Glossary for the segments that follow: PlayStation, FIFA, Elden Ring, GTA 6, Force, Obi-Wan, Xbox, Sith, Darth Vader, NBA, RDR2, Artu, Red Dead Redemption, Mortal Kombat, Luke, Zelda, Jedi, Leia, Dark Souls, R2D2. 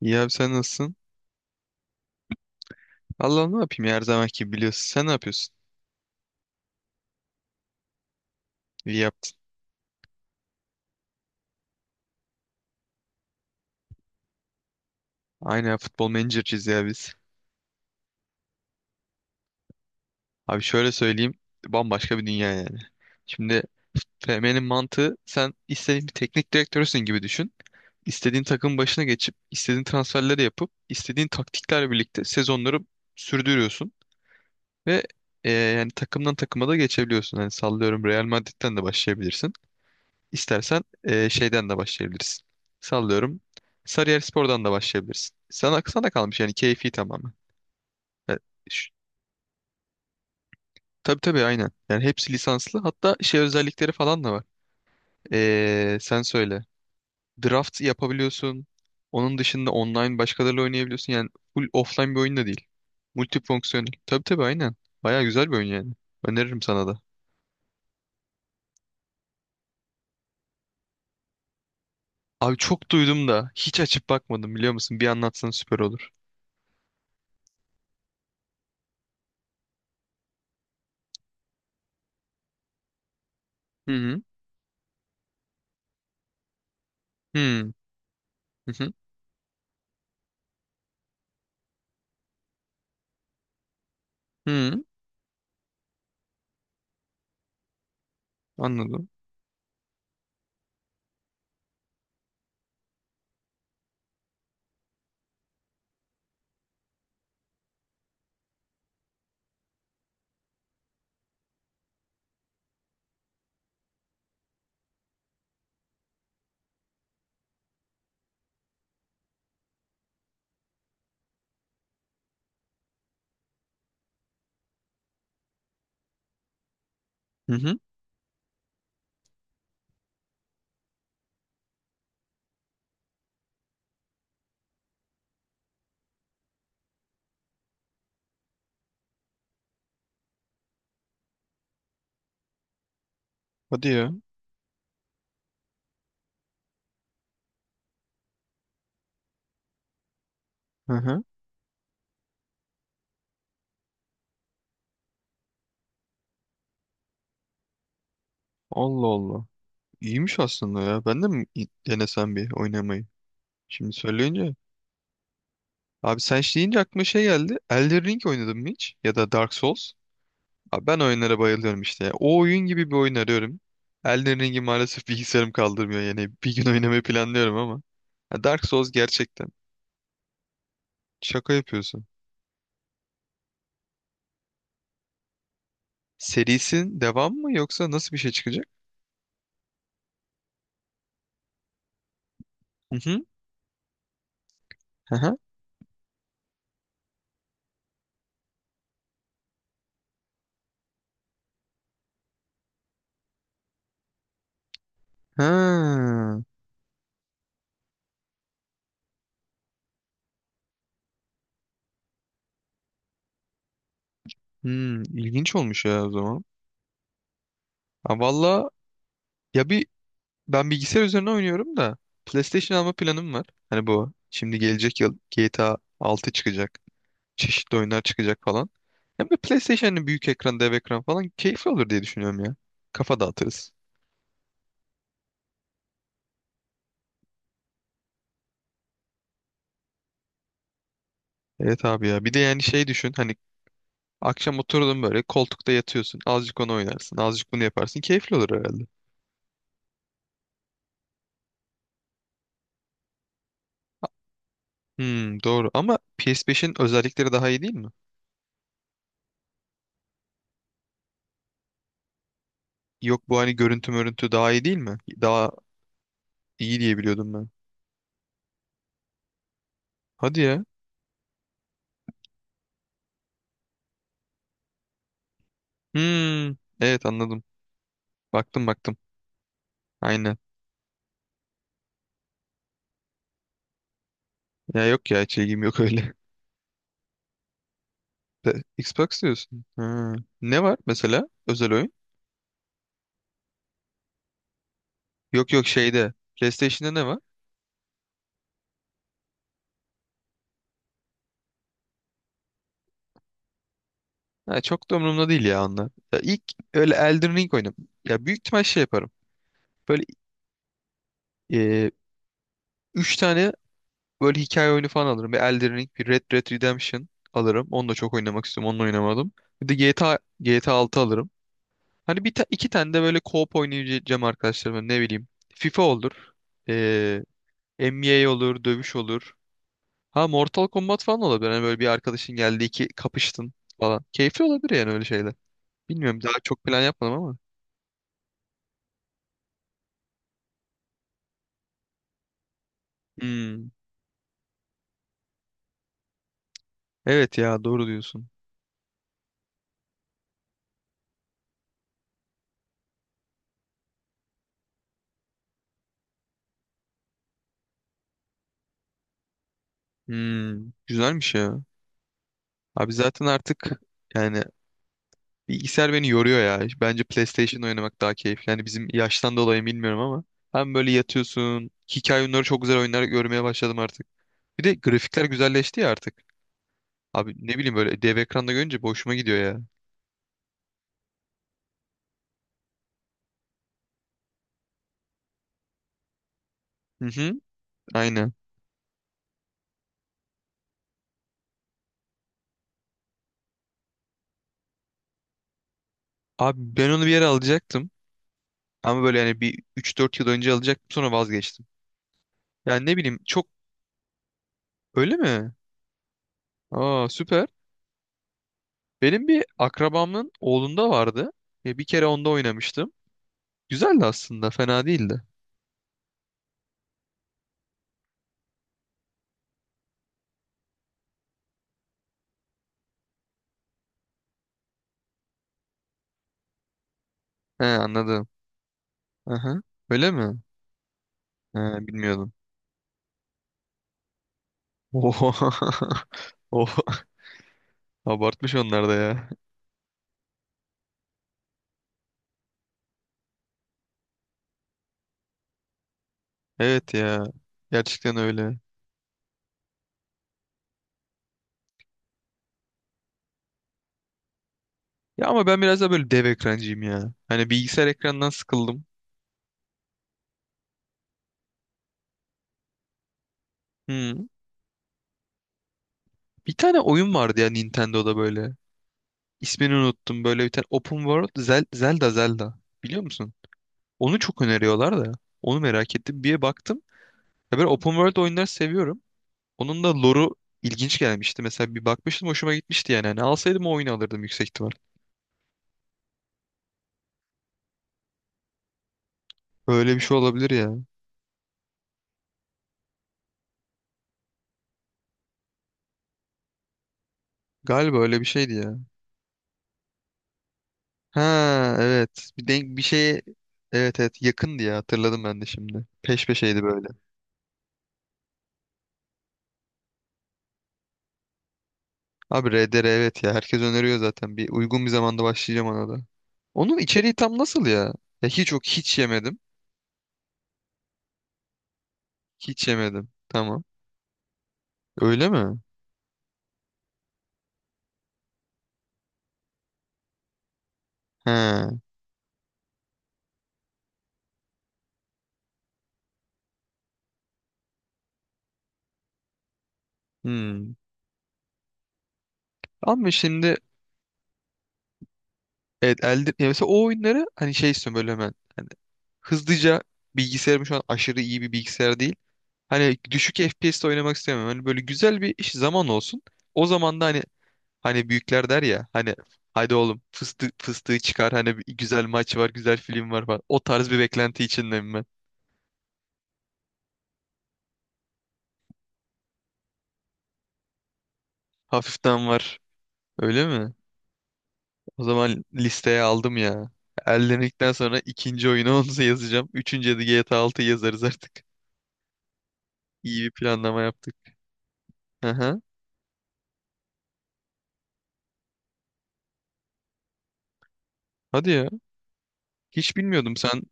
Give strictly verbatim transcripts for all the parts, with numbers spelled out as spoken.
İyi abi sen nasılsın? Allah ne yapayım ya, her zamanki gibi biliyorsun. Sen ne yapıyorsun? İyi yaptın. Aynen ya, futbol menajerciyiz ya biz. Abi şöyle söyleyeyim. Bambaşka bir dünya yani. Şimdi F M'nin mantığı sen istediğin bir teknik direktörsün gibi düşün. İstediğin takım başına geçip istediğin transferleri yapıp istediğin taktiklerle birlikte sezonları sürdürüyorsun. Ve e, yani takımdan takıma da geçebiliyorsun. Yani sallıyorum Real Madrid'den de başlayabilirsin. İstersen e, şeyden de başlayabilirsin. Sallıyorum. Sarıyer Spor'dan da başlayabilirsin. Sana, sana kalmış yani keyfi tamamen. E, ş- tabii tabii aynen. Yani hepsi lisanslı. Hatta şey özellikleri falan da var. E, sen söyle. Draft yapabiliyorsun. Onun dışında online başkalarıyla oynayabiliyorsun. Yani full offline bir oyun da değil. Multifonksiyonel. Tabii tabii aynen. Baya güzel bir oyun yani. Öneririm sana da. Abi çok duydum da hiç açıp bakmadım biliyor musun? Bir anlatsan süper olur. Hı hı. Hı hı. Hı. Hı. Anladım. Hı hı. Hadi ya. Hı hı. Allah Allah. İyiymiş aslında ya. Ben de mi i- denesem bir oynamayı? Şimdi söyleyince. Abi sen şey deyince aklıma şey geldi. Elden Ring oynadın mı hiç? Ya da Dark Souls. Abi ben oyunlara bayılıyorum işte. O oyun gibi bir oyun arıyorum. Elden Ring'i maalesef bilgisayarım kaldırmıyor. Yani bir gün oynamayı planlıyorum ama. Ya Dark Souls gerçekten. Şaka yapıyorsun. Serisin devam mı yoksa nasıl bir şey çıkacak? Hı hı. Hı hı. Ha. Hmm, ilginç olmuş ya o zaman. Ha valla ya bir Ben bilgisayar üzerine oynuyorum da PlayStation alma planım var. Hani bu şimdi gelecek yıl G T A altı çıkacak. Çeşitli oyunlar çıkacak falan. Hem de PlayStation'ın büyük ekran, dev ekran falan keyifli olur diye düşünüyorum ya. Kafa dağıtırız. Evet abi ya. Bir de yani şey düşün. Hani akşam oturdun böyle koltukta yatıyorsun. Azıcık onu oynarsın. Azıcık bunu yaparsın. Keyifli olur herhalde. Hmm, doğru. Ama P S beşin özellikleri daha iyi değil mi? Yok bu hani görüntü mörüntü daha iyi değil mi? Daha iyi diye biliyordum ben. Hadi ya. Hmm, evet anladım. Baktım baktım. Aynen. Ya yok ya hiç ilgim yok öyle. De- Xbox diyorsun. Ha. Ne var mesela özel oyun? Yok yok şeyde. PlayStation'da ne var? Ha, çok da umurumda değil ya onlar. Ya ilk öyle Elden Ring oynadım. Ya büyük ihtimal şey yaparım. Böyle e, üç tane böyle hikaye oyunu falan alırım. Bir Elden Ring, bir Red Dead Redemption alırım. Onu da çok oynamak istiyorum. Onu da oynamadım. Bir de GTA, G T A altı alırım. Hani bir ta- iki tane de böyle co-op oynayacağım arkadaşlarım. Ne bileyim. FIFA olur. N B A olur, dövüş olur. Ha Mortal Kombat falan olabilir. Hani böyle bir arkadaşın geldi iki kapıştın falan. Keyifli olabilir yani öyle şeyler. Bilmiyorum daha çok plan yapmadım ama. Hmm. Evet ya doğru diyorsun. Hmm. Güzelmiş ya. Abi zaten artık yani bilgisayar beni yoruyor ya. Bence PlayStation oynamak daha keyifli. Yani bizim yaştan dolayı mı bilmiyorum ama. Hem böyle yatıyorsun. Hikaye oyunları çok güzel oyunlar görmeye başladım artık. Bir de grafikler güzelleşti ya artık. Abi ne bileyim böyle dev ekranda görünce boşuma gidiyor ya. Hı hı. Aynen. Abi ben onu bir yere alacaktım. Ama böyle yani bir üç dört yıl önce alacaktım sonra vazgeçtim. Yani ne bileyim çok öyle mi? Aa süper. Benim bir akrabamın oğlunda vardı. Ya bir kere onda oynamıştım. Güzeldi aslında fena değildi. He anladım. Aha. Öyle mi? He bilmiyordum. Oha. Oh, abartmış onlar da ya. Evet ya. Gerçekten öyle. Ya ama ben biraz da böyle dev ekrancıyım ya. Hani bilgisayar ekranından sıkıldım. Hmm. Bir tane oyun vardı ya Nintendo'da böyle. İsmini unuttum. Böyle bir tane Open World Zel Zelda Zelda. Biliyor musun? Onu çok öneriyorlar da. Onu merak ettim. Bir baktım. Ya ben Open World oyunları seviyorum. Onun da lore'u ilginç gelmişti. Mesela bir bakmıştım hoşuma gitmişti yani. Hani alsaydım o oyunu alırdım yüksek ihtimal. Öyle bir şey olabilir ya. Galiba öyle bir şeydi ya. Ha evet. Bir denk bir şeye evet evet yakındı ya hatırladım ben de şimdi. Peş peşeydi böyle. Abi R D R evet ya herkes öneriyor zaten. Bir uygun bir zamanda başlayacağım ona da. Onun içeriği tam nasıl ya? Ya hiç yok hiç yemedim. Hiç yemedim. Tamam. Öyle mi? He. Hmm. Ama şimdi evet, elde, ya mesela o oyunları hani şey istiyorum böyle hemen. Hani hızlıca bilgisayarım şu an aşırı iyi bir bilgisayar değil. Hani düşük F P S'te oynamak istemiyorum. Hani böyle güzel bir iş zaman olsun. O zaman da hani Hani büyükler der ya hani hadi oğlum fıstığı, fıstığı çıkar hani bir güzel maç var güzel film var falan. O tarz bir beklenti içindeyim ben. Hafiften var. Öyle mi? O zaman listeye aldım ya. Elden'likten sonra ikinci oyunu onu yazacağım. Üçüncüye de G T A altıyı yazarız artık. İyi bir planlama yaptık. Aha. Hadi ya. Hiç bilmiyordum sen.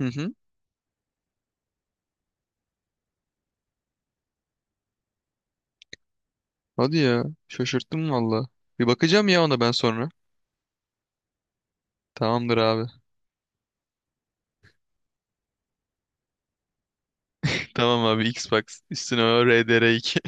Hı hı. Hadi ya. Şaşırttın valla. Bir bakacağım ya ona ben sonra. Tamamdır abi. Tamam abi Xbox. Üstüne o R D R iki.